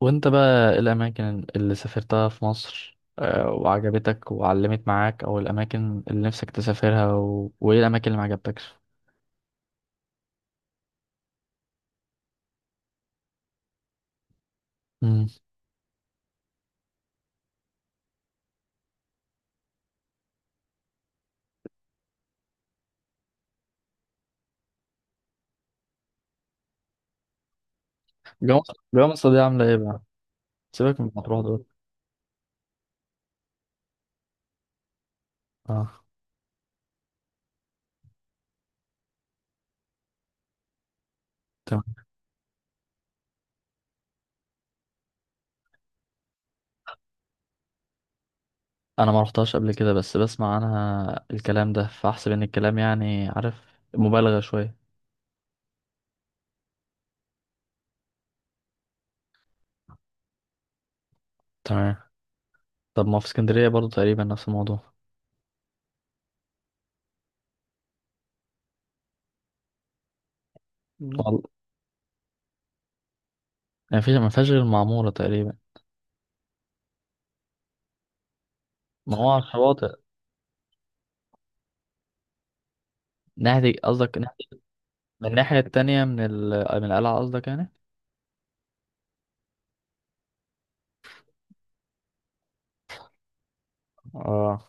وانت بقى ايه الاماكن اللي سافرتها في مصر وعجبتك وعلمت معاك او الاماكن اللي نفسك تسافرها وايه الاماكن اللي ما عجبتكش؟ امم. جوه مصر، جوه مصر دي عامله ايه بقى؟ سيبك من مطروح دول. اه، تمام. انا ما رحتهاش قبل كده، بس بسمع عنها الكلام ده، فاحسب ان الكلام يعني عارف مبالغه شويه. تمام. طب ما في اسكندريه برضو تقريبا نفس الموضوع. مم. والله، يعني فيش ما فيهاش غير المعموره تقريبا. ما هو على الشواطئ. ناحيه قصدك من الناحيه التانية، من القلعه قصدك يعني؟ اه.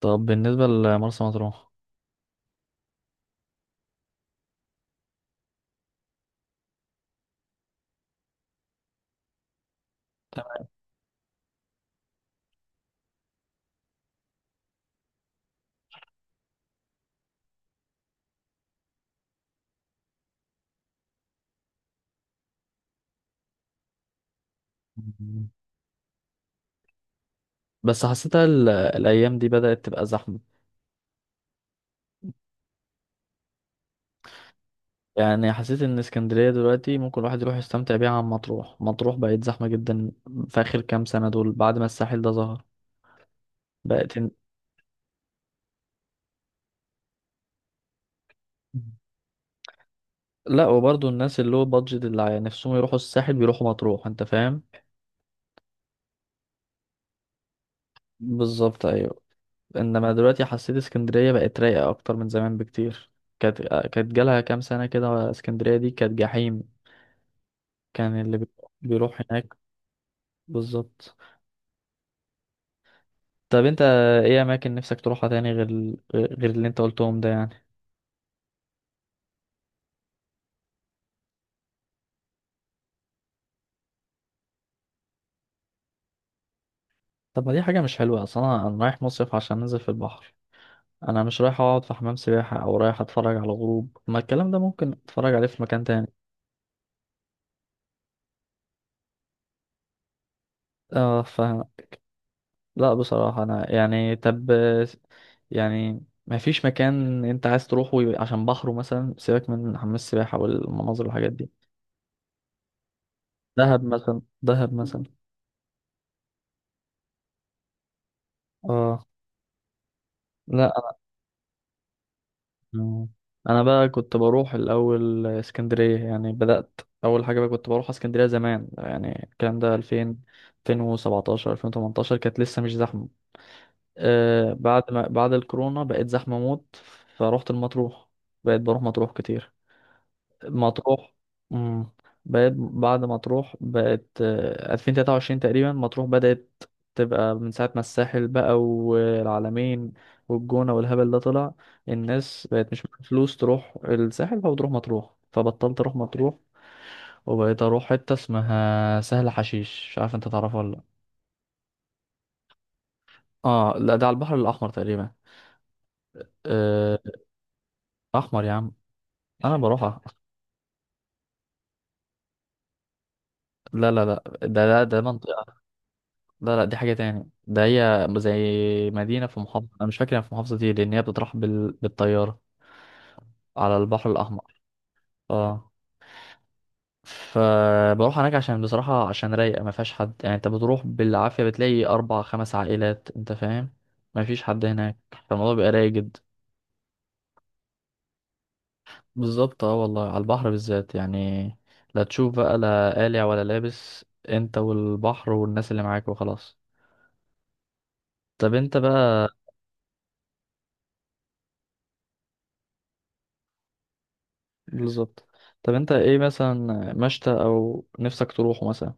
طب بالنسبة لمرسى مطروح. تمام. بس حسيتها الأيام دي بدأت تبقى زحمة. يعني حسيت إن اسكندرية دلوقتي ممكن الواحد يروح يستمتع بيها عن مطروح. مطروح بقت زحمة جدا في آخر كام سنة دول، بعد ما الساحل ده ظهر. بقت إن... لا، وبرضه الناس اللي هو بادجت، اللي نفسهم يروحوا الساحل بيروحوا مطروح، أنت فاهم. بالظبط، أيوة. إنما دلوقتي حسيت اسكندرية بقت رايقة أكتر من زمان بكتير. كانت كانت جالها كام سنة كده اسكندرية دي كانت جحيم. كان اللي بيروح هناك. بالظبط. طب انت ايه اماكن نفسك تروحها تاني غير غير اللي انت قلتهم ده يعني؟ طب ما دي حاجه مش حلوه اصلا، أنا رايح مصيف عشان انزل في البحر. انا مش رايح اقعد في حمام سباحه، او رايح اتفرج على غروب، ما الكلام ده ممكن اتفرج عليه في مكان تاني. اه، لا، بصراحه انا يعني طب، يعني ما فيش مكان انت عايز تروحه عشان بحره مثلا، سيبك من حمام السباحه والمناظر والحاجات دي. دهب مثلا، دهب مثلا. اه. لا. مم. انا بقى كنت بروح الاول اسكندريه، يعني بدات اول حاجه بقى كنت بروح اسكندريه زمان، يعني الكلام ده 2000، 2017، 2018، كانت لسه مش زحمه. بعد ما بعد الكورونا بقت زحمه موت. فروحت المطروح. بقيت بروح مطروح كتير. مطروح. مم. بقت بعد مطروح، بقت 2023 تقريبا مطروح بدأت تبقى، من ساعة ما الساحل بقى والعلمين والجونة والهبل ده طلع. الناس بقت مش معاها فلوس تروح الساحل فبتروح مطروح، فبطلت اروح مطروح. وبقيت اروح حتة اسمها سهل حشيش، مش عارف انت تعرفها ولا لا. اه. لا، ده على البحر الاحمر تقريبا. آه، احمر يا عم، انا بروحها. لا لا لا، ده منطقة. لا لا، دي حاجة تاني، ده هي زي مدينة في محافظة، أنا مش فاكر هي في محافظة ايه، لأن هي بتروح بالطيارة على البحر الأحمر. اه. فبروح هناك عشان بصراحة عشان رايقة ما فيهاش حد، يعني أنت بتروح بالعافية بتلاقي أربع خمس عائلات، أنت فاهم. ما فيش حد هناك، فالموضوع بيبقى رايق جدا. بالظبط، اه والله، على البحر بالذات يعني. لا تشوف بقى، لا قالع ولا لابس، أنت والبحر والناس اللي معاك وخلاص. طب أنت بقى. بالظبط. طب انت ايه مثلا مشتى او نفسك تروحه مثلا؟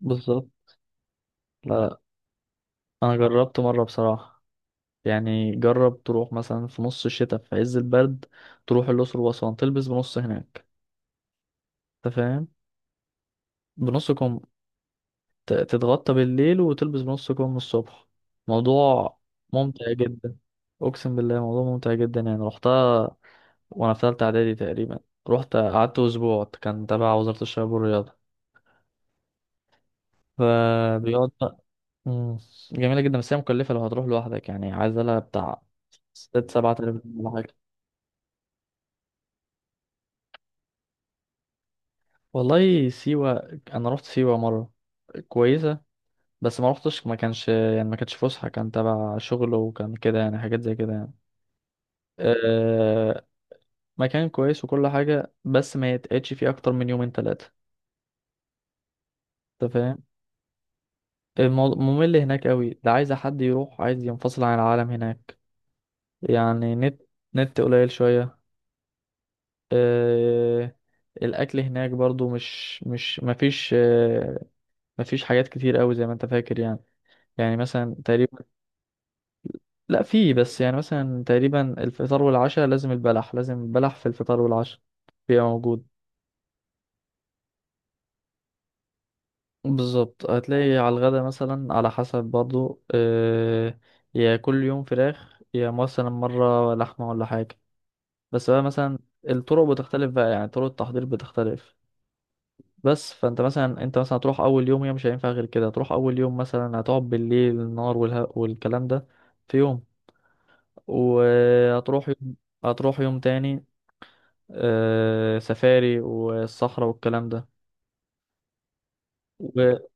بالظبط. لا، انا جربت مره بصراحه. يعني جرب تروح مثلا في نص الشتاء في عز البرد، تروح الاقصر واسوان تلبس بنص هناك، انت فاهم. بنص كم، تتغطى بالليل وتلبس بنص كم الصبح، موضوع ممتع جدا. اقسم بالله موضوع ممتع جدا، يعني رحتها وانا في ثالثه اعدادي تقريبا، رحت قعدت اسبوع، كان تبع وزاره الشباب والرياضه. مم. فبيقعد. مم. جميلة جدا، بس هي مكلفة لو هتروح لوحدك، يعني عايزة لها بتاع ست سبعة آلاف ولا حاجة. والله سيوة، أنا رحت سيوة مرة، كويسة. بس ما رحتش، ما كانش يعني ما كانتش فسحة، كان تبع شغل، وكان كده يعني حاجات زي كده يعني. أه. مكان كويس وكل حاجة، بس ما يتقعدش فيه أكتر من يومين تلاتة، أنت فاهم. الموضوع ممل هناك قوي، ده عايز حد يروح، عايز ينفصل عن العالم هناك. يعني نت قليل شوية. آه، الاكل هناك برضو مش مش مفيش مفيش حاجات كتير قوي زي ما انت فاكر يعني. يعني مثلا تقريبا. لا، في بس يعني مثلا تقريبا الفطار والعشاء لازم البلح، لازم البلح في الفطار والعشاء بيبقى موجود. بالظبط، هتلاقي على الغدا مثلا على حسب برضو يا كل يوم فراخ يا مثلا مرة لحمة ولا حاجة. بس بقى مثلا الطرق بتختلف بقى، يعني طرق التحضير بتختلف. بس فانت مثلا انت مثلا هتروح اول يوم، هي مش هينفع غير كده، هتروح اول يوم مثلا هتقعد بالليل النهار والها والكلام ده، في يوم. وهتروح يوم، هتروح يوم تاني سفاري والصحراء والكلام ده. و-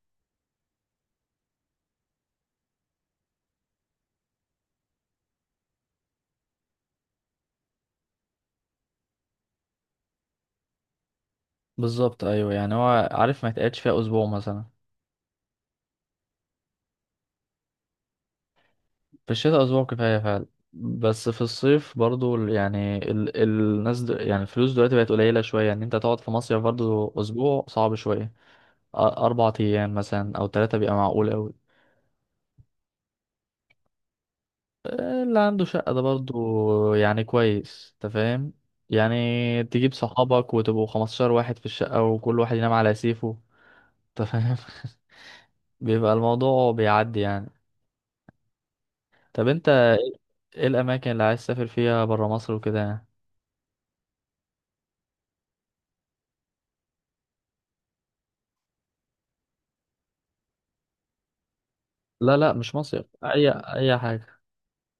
بالظبط ايوه، يعني هو عارف ما يتقعدش فيها اسبوع مثلا. في الشتاء اسبوع كفايه فعلا. بس في الصيف برضو يعني الناس يعني الفلوس دلوقتي بقت قليله شويه ان انت تقعد في مصيف برضو اسبوع صعب شويه. اربع ايام مثلا او ثلاثه بيبقى معقول قوي. اللي عنده شقة ده برضو يعني كويس، انت فاهم. يعني تجيب صحابك وتبقوا 15 واحد في الشقة وكل واحد ينام على سيفه، انت فاهم. بيبقى الموضوع بيعدي يعني. طب انت ايه الأماكن اللي عايز تسافر فيها برا مصر وكده يعني؟ لا لا مش مصيف، أي حاجة،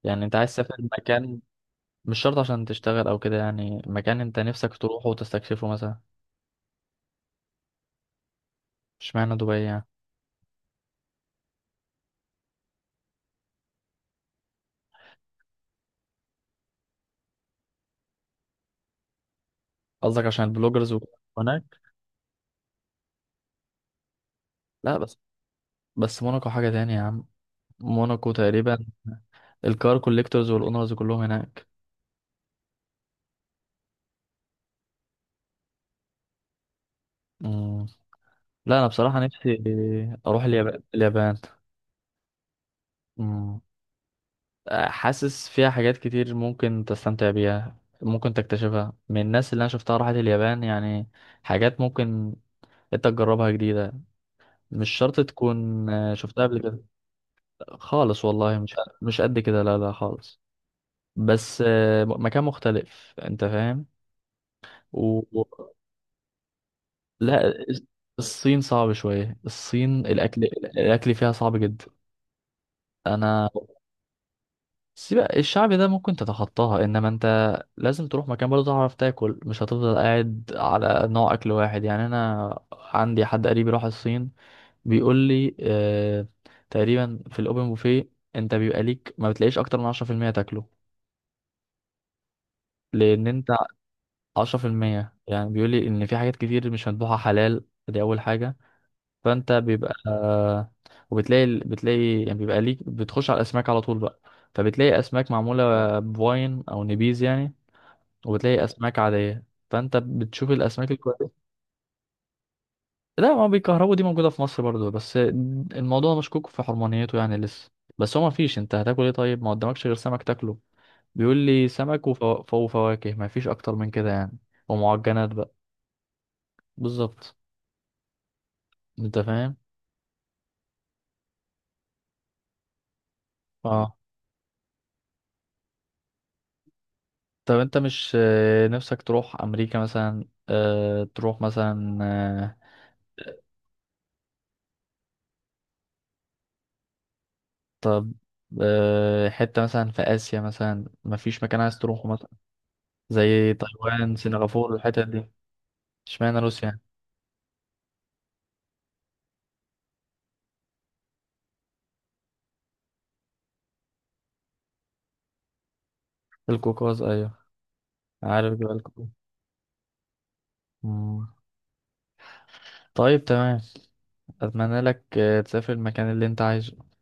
يعني انت عايز تسافر مكان. مش شرط عشان تشتغل أو كده، يعني مكان انت نفسك تروحه وتستكشفه مثلا. مش معنى دبي يعني؟ قصدك عشان البلوجرز وكده هناك؟ لا بس موناكو حاجة تانية يا عم. موناكو تقريبا الكار كوليكتورز والاونرز كلهم هناك. مم. لا انا بصراحة نفسي اروح اليابان. اليابان. مم. حاسس فيها حاجات كتير ممكن تستمتع بيها، ممكن تكتشفها من الناس اللي انا شفتها راحت اليابان، يعني حاجات ممكن انت تجربها جديدة، مش شرط تكون شفتها قبل كده. خالص والله، مش قد كده، لا لا خالص. بس مكان مختلف، انت فاهم. لا، الصين صعب شوية، الصين الأكل فيها صعب جدا. أنا، سيبك الشعب ده ممكن تتخطاها، إنما أنت لازم تروح مكان برضه تعرف تاكل، مش هتفضل قاعد على نوع أكل واحد، يعني أنا عندي حد قريبي راح الصين، بيقول لي آه تقريبا في الأوبن بوفيه أنت بيبقى ليك ما بتلاقيش أكتر من 10% تاكله. لأن أنت، 10%، يعني بيقول لي إن في حاجات كتير مش مذبوحة حلال، دي أول حاجة. فانت بيبقى، وبتلاقي بتلاقي يعني بيبقى ليك بتخش على الاسماك على طول بقى، فبتلاقي اسماك معموله بواين او نبيز يعني، وبتلاقي اسماك عاديه، فانت بتشوف الاسماك الكويسه. لا، ما بيكهربوا دي موجوده في مصر برضو، بس الموضوع مشكوك في حرمانيته يعني لسه. بس هو ما فيش، انت هتاكل ايه طيب، ما قدامكش غير سمك تاكله. بيقول لي سمك وفواكه، ما فيش اكتر من كده يعني، ومعجنات بقى. بالظبط، انت فاهم. اه. طب انت مش نفسك تروح امريكا مثلا، تروح مثلا طب حتة مثلا في آسيا مثلا، مفيش مكان عايز تروحه مثلا، زي تايوان، سنغافورة، الحتت دي؟ اشمعنى روسيا يعني؟ القوقاز، ايوه، عارف جبال القوقاز. مم. طيب تمام، اتمنى لك تسافر المكان اللي انت عايزه.